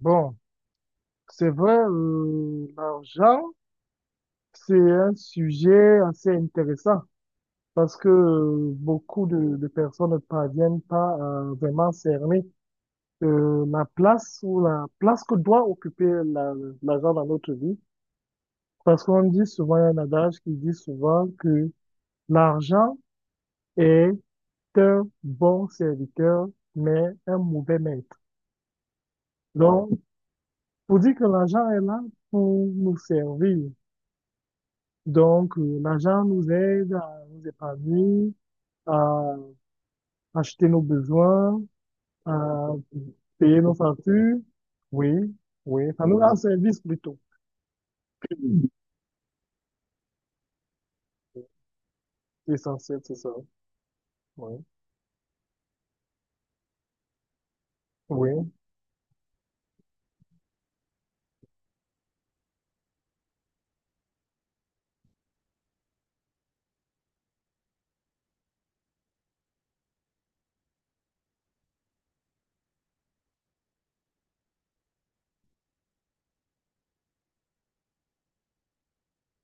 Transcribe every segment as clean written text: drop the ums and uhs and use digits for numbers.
Bon, c'est vrai, l'argent, c'est un sujet assez intéressant parce que beaucoup de personnes ne parviennent pas à vraiment cerner la place ou la place que doit occuper l'argent dans notre vie. Parce qu'on dit souvent, il y a un adage qui dit souvent que l'argent est un bon serviteur, mais un mauvais maître. Donc, pour dire que l'argent est là pour nous servir. Donc, l'argent nous aide à nous épargner, à acheter nos besoins, à payer nos factures. Oui, oui, ça nous rend service plutôt. L'essentiel, c'est ça. Oui, oui,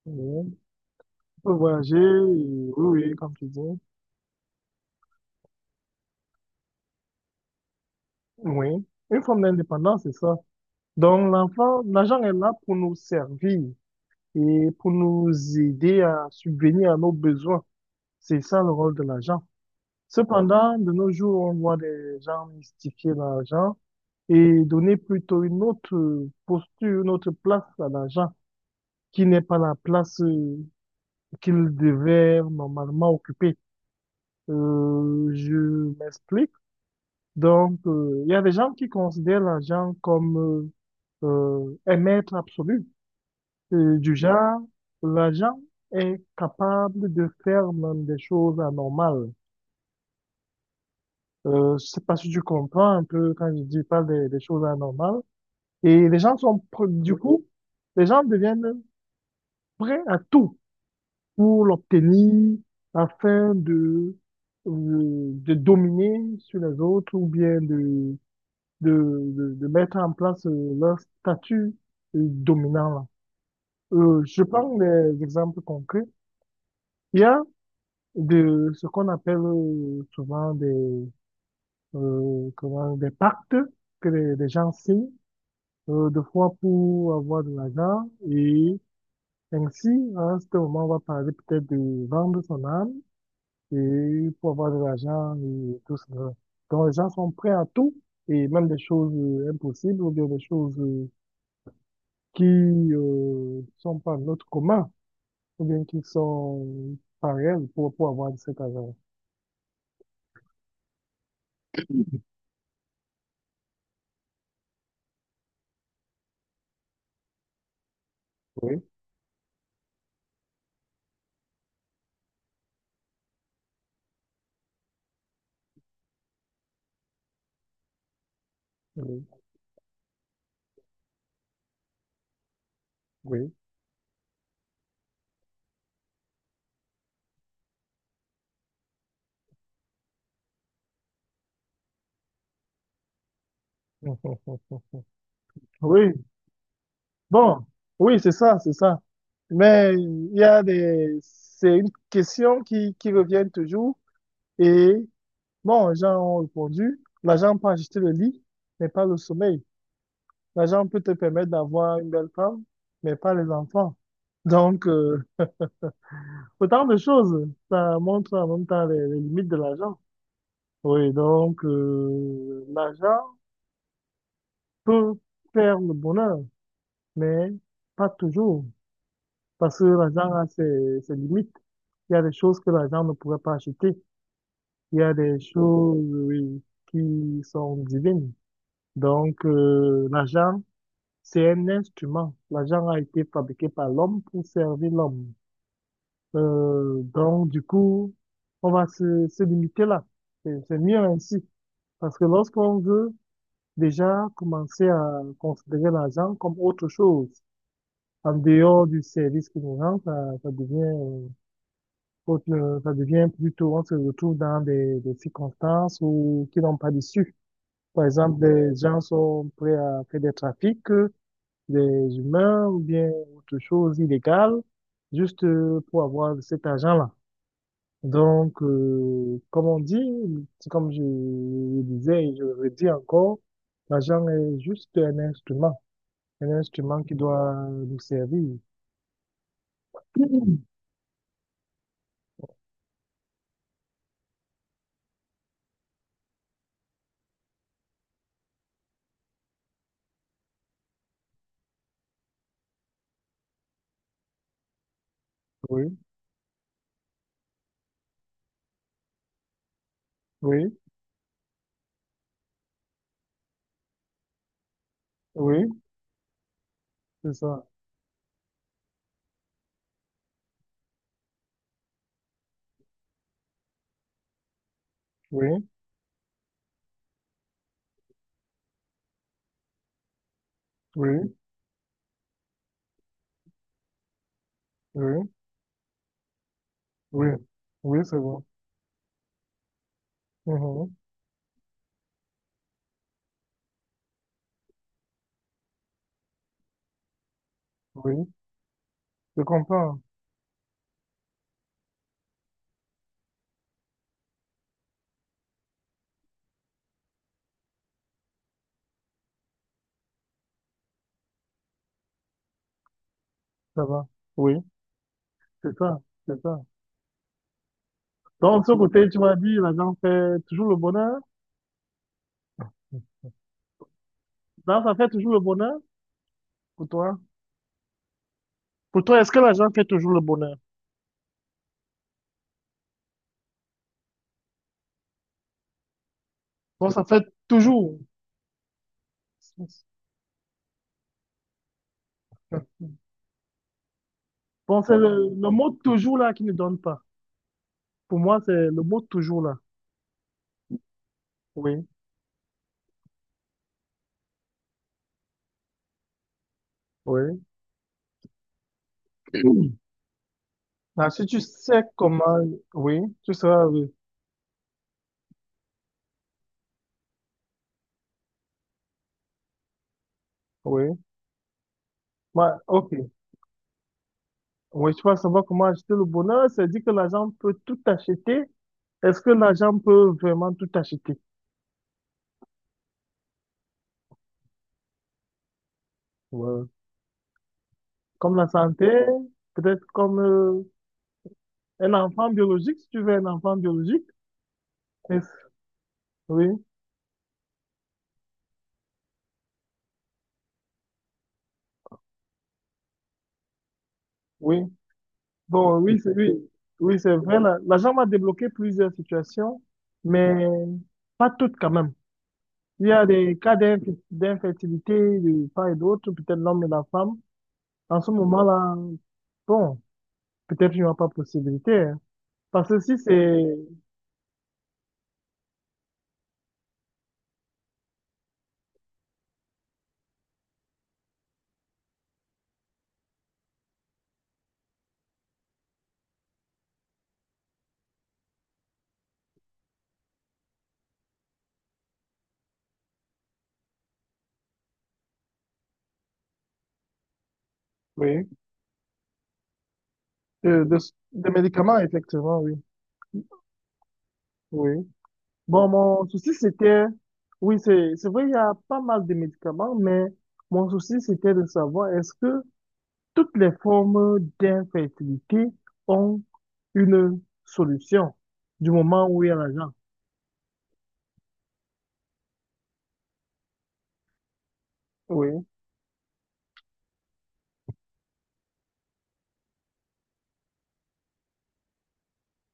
oui. On peut voyager, oui, oui, comme tu dis. Oui, une forme d'indépendance, c'est ça. Donc, l'enfant, l'argent est là pour nous servir et pour nous aider à subvenir à nos besoins. C'est ça le rôle de l'argent. Cependant, de nos jours, on voit des gens mystifier l'argent et donner plutôt une autre posture, une autre place à l'argent qui n'est pas la place qu'il devait normalement occuper. Je m'explique. Donc, il y a des gens qui considèrent l'argent comme un maître absolu. Du genre, l'argent est capable de faire même des choses anormales. Je sais pas si tu comprends un peu quand je dis, je parle des choses anormales. Et les gens sont, du coup, les gens deviennent prêts à tout pour l'obtenir afin de dominer sur les autres ou bien de, de mettre en place leur statut dominant là. Je prends des exemples concrets. Il y a de ce qu'on appelle souvent des, comment, des pactes que les gens signent deux fois pour avoir de l'argent. Et ainsi, à ce moment, on va parler peut-être de vendre son âme et pour avoir de l'argent et tout cela. Donc, les gens sont prêts à tout et même des choses impossibles ou bien des choses qui sont pas de notre commun ou bien qui sont pareilles pour avoir de cet argent. Oui, oui, oui. Mm. Oui, bon, oui, c'est ça, c'est ça. Mais il y a des, c'est une question qui revient toujours. Et bon, les gens ont répondu, l'argent peut acheter le lit, mais pas le sommeil. L'argent peut te permettre d'avoir une belle femme, mais pas les enfants. Donc, autant de choses. Ça montre en même temps les limites de l'argent. Oui, donc, l'argent peut faire le bonheur, mais pas toujours. Parce que l'argent a ses, ses limites. Il y a des choses que l'argent ne pourrait pas acheter. Il y a des choses, oui, qui sont divines. Donc, l'argent, c'est un instrument. L'argent a été fabriqué par l'homme pour servir l'homme. Donc, du coup, on va se limiter là. C'est mieux ainsi. Parce que lorsqu'on veut déjà commencer à considérer l'argent comme autre chose, en dehors du service qui nous rend, ça devient, ça devient plutôt, on se retrouve dans des circonstances où, qui n'ont pas d'issue. Par exemple, des gens sont prêts à faire des trafics des humains ou bien autre chose illégale, juste pour avoir cet argent-là. Donc, comme on dit, c'est comme je le disais et je le redis encore, l'argent est juste un instrument qui doit nous servir. Oui, oui, oui, c'est ça. Oui, oui, oui, oui, oui, c'est bon. Mhm. Oui, je comprends, ça va. Oui, c'est ça, c'est ça. Donc, de ce côté, tu m'as dit, l'argent fait toujours le bonheur. Donc, ça fait toujours le bonheur pour toi. Pour toi, est-ce que l'argent fait toujours le bonheur? Bon, ça fait toujours. Bon, c'est le mot toujours là qui ne donne pas. Pour moi, c'est le mot toujours là. Oui, oui. Ah, si tu sais comment, oui, tu seras oui, oui. Bah, ok. Oui, tu vas savoir comment acheter le bonheur. C'est dire que l'argent peut tout acheter. Est-ce que l'argent peut vraiment tout acheter? Ouais. Comme la santé, peut-être comme un enfant biologique, si tu veux un enfant biologique. Oui, oui. Bon, oui, c'est oui, oui, c'est vrai. L'agent m'a débloqué plusieurs situations, mais pas toutes quand même. Il y a des cas d'infertilité de part et d'autre, peut-être l'homme et la femme. En ce moment-là, bon, peut-être il n'y aura pas possibilité. Hein. Parce que si c'est, oui, euh, de- des médicaments, effectivement, oui. Oui. Bon, mon souci, c'était, oui, c'est vrai, il y a pas mal de médicaments, mais mon souci, c'était de savoir est-ce que toutes les formes d'infertilité ont une solution du moment où il y a l'argent. Oui,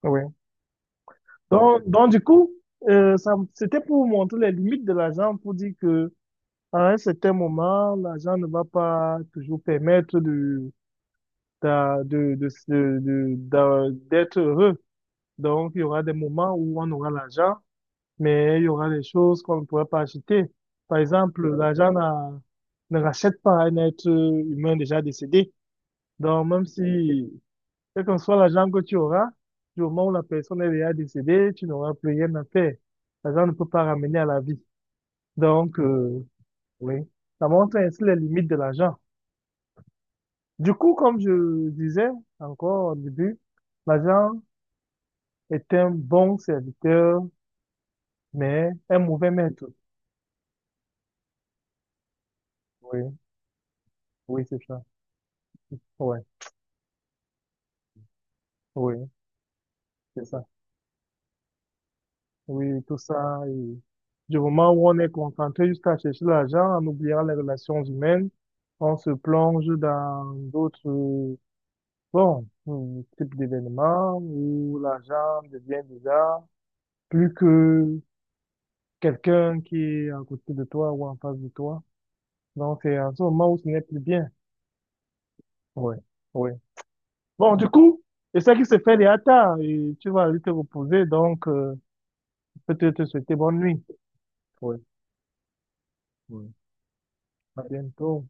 oui. Donc du coup, ça, c'était pour vous montrer les limites de l'argent, pour dire que à un certain moment, l'argent ne va pas toujours permettre de, d'être heureux. Donc, il y aura des moments où on aura l'argent, mais il y aura des choses qu'on ne pourrait pas acheter. Par exemple, l'argent n'a- ne rachète pas un être humain déjà décédé. Donc, même si, quel que soit l'argent que tu auras, du moment où la personne est déjà décédée, tu n'auras plus rien à faire. L'argent ne peut pas ramener à la vie. Donc, oui, ça montre ainsi les limites de l'argent. Du coup, comme je disais encore au début, l'argent est un bon serviteur, mais un mauvais maître. Oui, oui, c'est ça. Ouais, oui, c'est ça. Oui, tout ça. Et du moment où on est concentré jusqu'à chercher l'argent, en oubliant les relations humaines, on se plonge dans d'autres, bon, types d'événements où l'argent devient déjà plus que quelqu'un qui est à côté de toi ou en face de toi. Donc, c'est en ce moment où ce n'est plus bien. Oui, oui. Bon, du coup, c'est ça qui se fait les tard et tu vas aller te reposer, donc, peut-être te souhaiter bonne nuit. Oui, oui. À bientôt.